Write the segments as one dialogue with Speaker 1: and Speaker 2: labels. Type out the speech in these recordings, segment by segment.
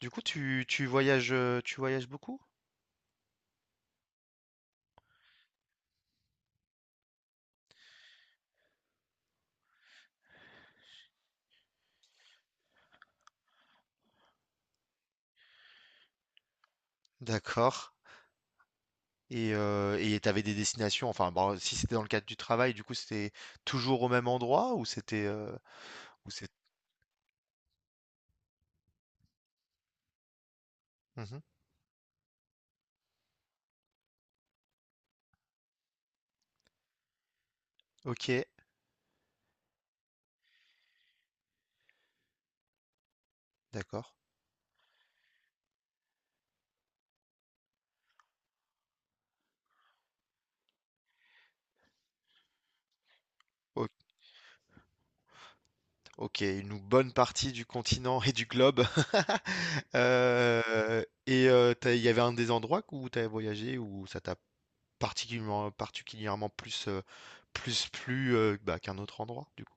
Speaker 1: Du coup, tu voyages, tu voyages beaucoup? D'accord. Et t'avais des destinations, enfin, bon, si c'était dans le cadre du travail, du coup, c'était toujours au même endroit ou c'était ou c'est... Mhm. Ok, d'accord. O- Ok, une bonne partie du continent et du globe. Il y avait un des endroits où tu as voyagé où ça t'a particulièrement, plus, plus plu bah, qu'un autre endroit, du coup.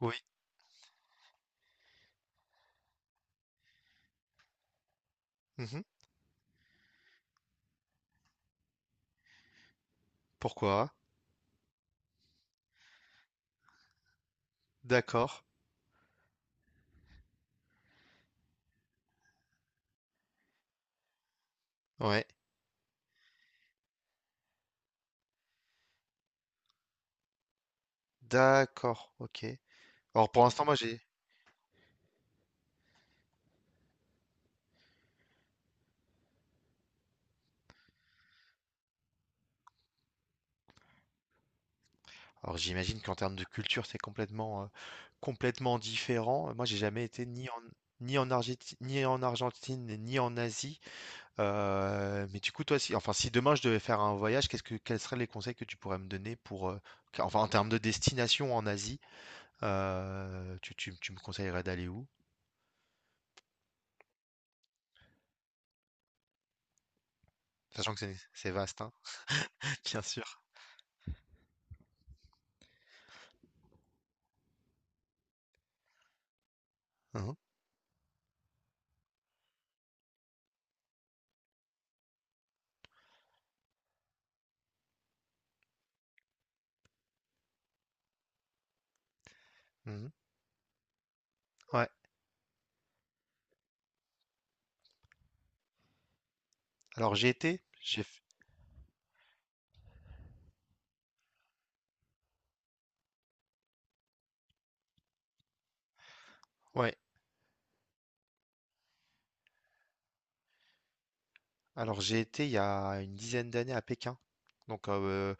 Speaker 1: Oui. Mhm. Pourquoi? D'accord. Ouais. D'accord, ok. Alors pour l'instant, moi j'ai. Alors j'imagine qu'en termes de culture, c'est complètement, complètement différent. Moi, j'ai jamais été ni en ni en Argentine, ni en Asie. Mais du coup, toi, si, enfin, si demain je devais faire un voyage, quels seraient les conseils que tu pourrais me donner pour, enfin, en termes de destination en Asie, tu me conseillerais d'aller où? Sachant que c'est vaste, hein, bien sûr. Mhm, mhm. Ouais. Alors j'ai été, j'ai, f- Ouais. Alors j'ai été il y a une dizaine d'années à Pékin. Donc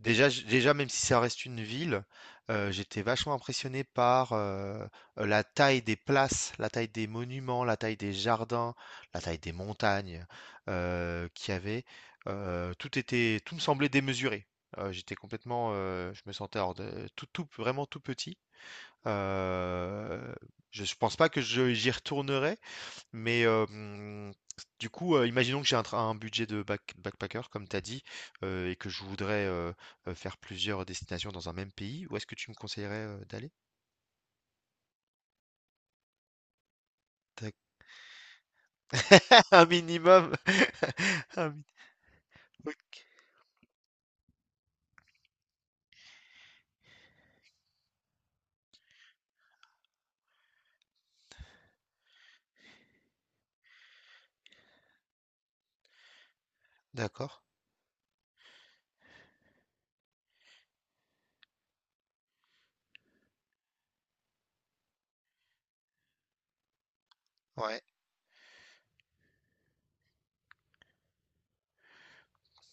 Speaker 1: déjà, déjà, même si ça reste une ville, j'étais vachement impressionné par la taille des places, la taille des monuments, la taille des jardins, la taille des montagnes qu'il y avait. Tout me semblait démesuré. Je me sentais tout, tout, vraiment tout petit. Euh, je pense pas que j'y retournerai, mais du coup, imaginons que j'ai un budget de backpacker, comme tu as dit, et que je voudrais faire plusieurs destinations dans un même pays. Où est-ce que tu me conseillerais d'aller? D'ac- Un minimum. Un mi- ok. D'accord. Ouais,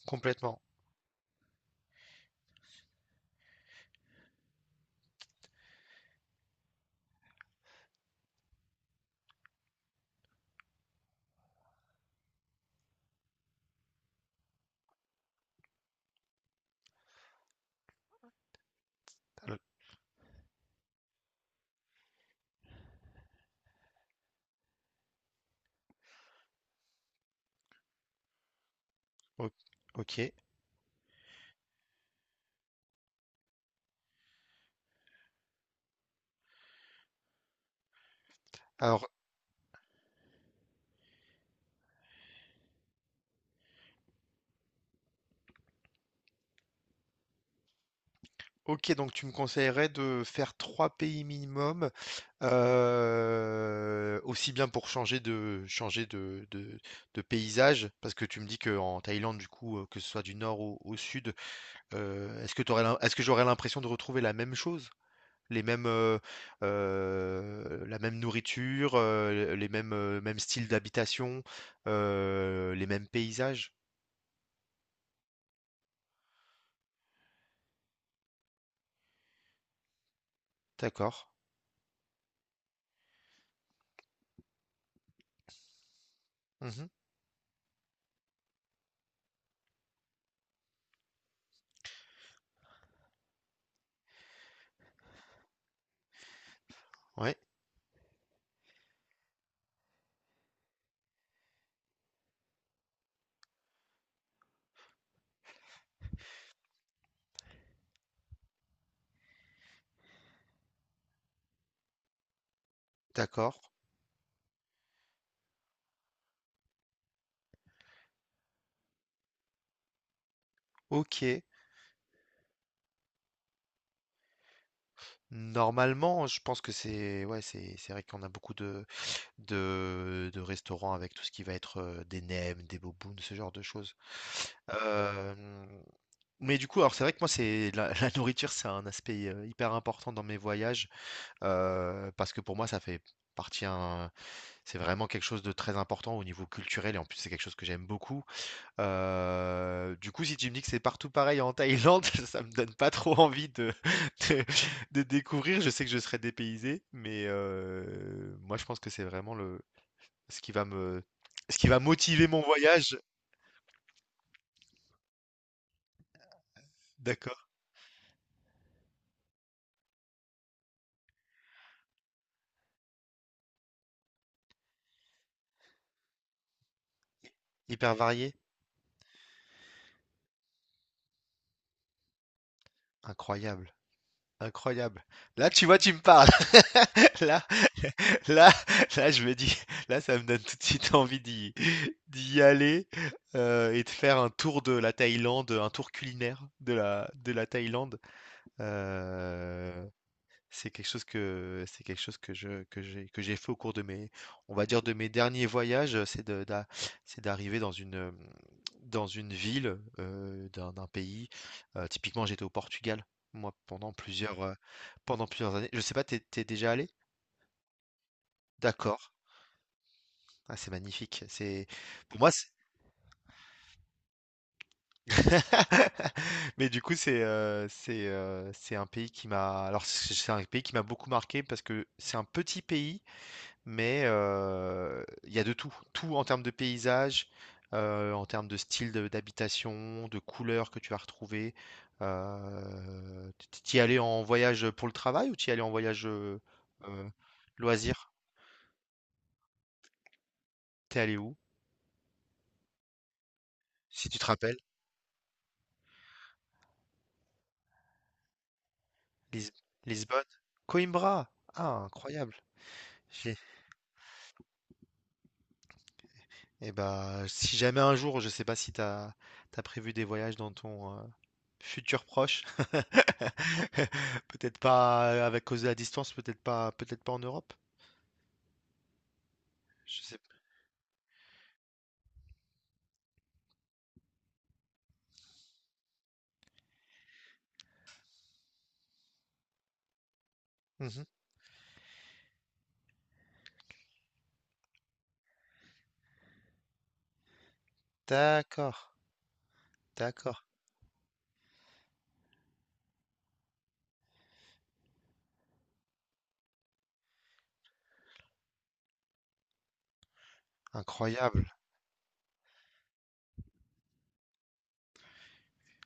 Speaker 1: complètement. Alors, o- Ok. Alors, OK, donc tu me conseillerais de faire 3 pays minimum, aussi bien pour changer de de paysage, parce que tu me dis qu'en Thaïlande, du coup, que ce soit du nord au sud, est-ce que j'aurais l'impression de retrouver la même chose? Les mêmes, la même nourriture, les mêmes, mêmes styles d'habitation, les mêmes paysages? D'accord. Mmh. Ouais, d'accord. OK. Normalement, je pense que c'est ouais, c'est vrai qu'on a beaucoup de, de restaurants avec tout ce qui va être des nems, des bobounes, ce genre de choses. Euh, mais du coup, alors c'est vrai que moi, la nourriture, c'est un aspect hyper important dans mes voyages parce que pour moi, ça fait partie un, c'est vraiment quelque chose de très important au niveau culturel et en plus, c'est quelque chose que j'aime beaucoup. Du coup, si tu me dis que c'est partout pareil en Thaïlande, ça me donne pas trop envie de de de découvrir. Je sais que je serai dépaysé, mais moi, je pense que c'est vraiment le ce qui va me ce qui va motiver mon voyage. D'accord. Hyper varié? Incroyable. Incroyable. Là, tu vois, tu me parles. Là, là, là, je me dis, là, ça me donne tout de suite envie d'y aller et de faire un tour de la Thaïlande, un tour culinaire de la Thaïlande. Euh, c'est quelque chose que je que j'ai fait au cours de mes on va dire de mes derniers voyages, c'est d'arriver dans une ville d'un d'un pays. Typiquement, j'étais au Portugal moi pendant plusieurs années. Je sais pas, t'es déjà allé? D'accord. Ah, c'est magnifique. C'est pour moi c'est- Mais du coup, c'est un pays qui m'a c'est un pays qui m'a beaucoup marqué parce que c'est un petit pays mais il y a de tout, tout en termes de paysage, en termes de d'habitation, de couleurs que tu vas retrouver. Euh, T'y allais en voyage pour le travail ou t'y allais en voyage euh, loisir? T'es allé où? Si tu te rappelles, Lis- Lisbonne, Coimbra. Ah, incroyable. J'ai- Eh ben, si jamais un jour, je sais pas si t'as as prévu des voyages dans ton, futur proche. Peut-être pas avec cause de la distance, peut-être pas en Europe. Je sais pas. Mhm. D'accord. D'accord. Incroyable.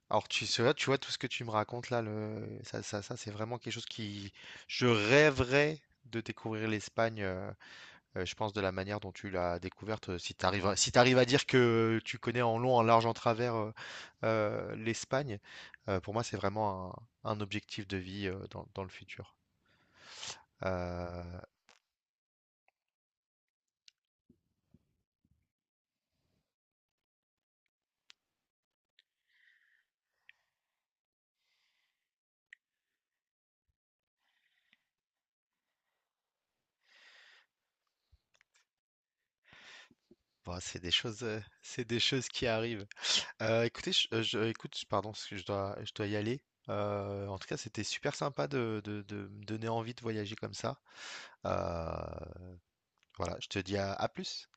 Speaker 1: Alors tu sais, tu vois tout ce que tu me racontes là, ça, c'est vraiment quelque chose qui... Je rêverais de découvrir l'Espagne, je pense, de la manière dont tu l'as découverte. Si tu arrives à... si t'arrives à dire que tu connais en long, en large, en travers l'Espagne, pour moi c'est vraiment un objectif de vie dans dans le futur. Euh, bon, c'est des choses, c'est des choses qui arrivent. Écoute, pardon, parce que je dois y aller. En tout cas, c'était super sympa de me donner envie de voyager comme ça. Euh, voilà, je te dis à plus.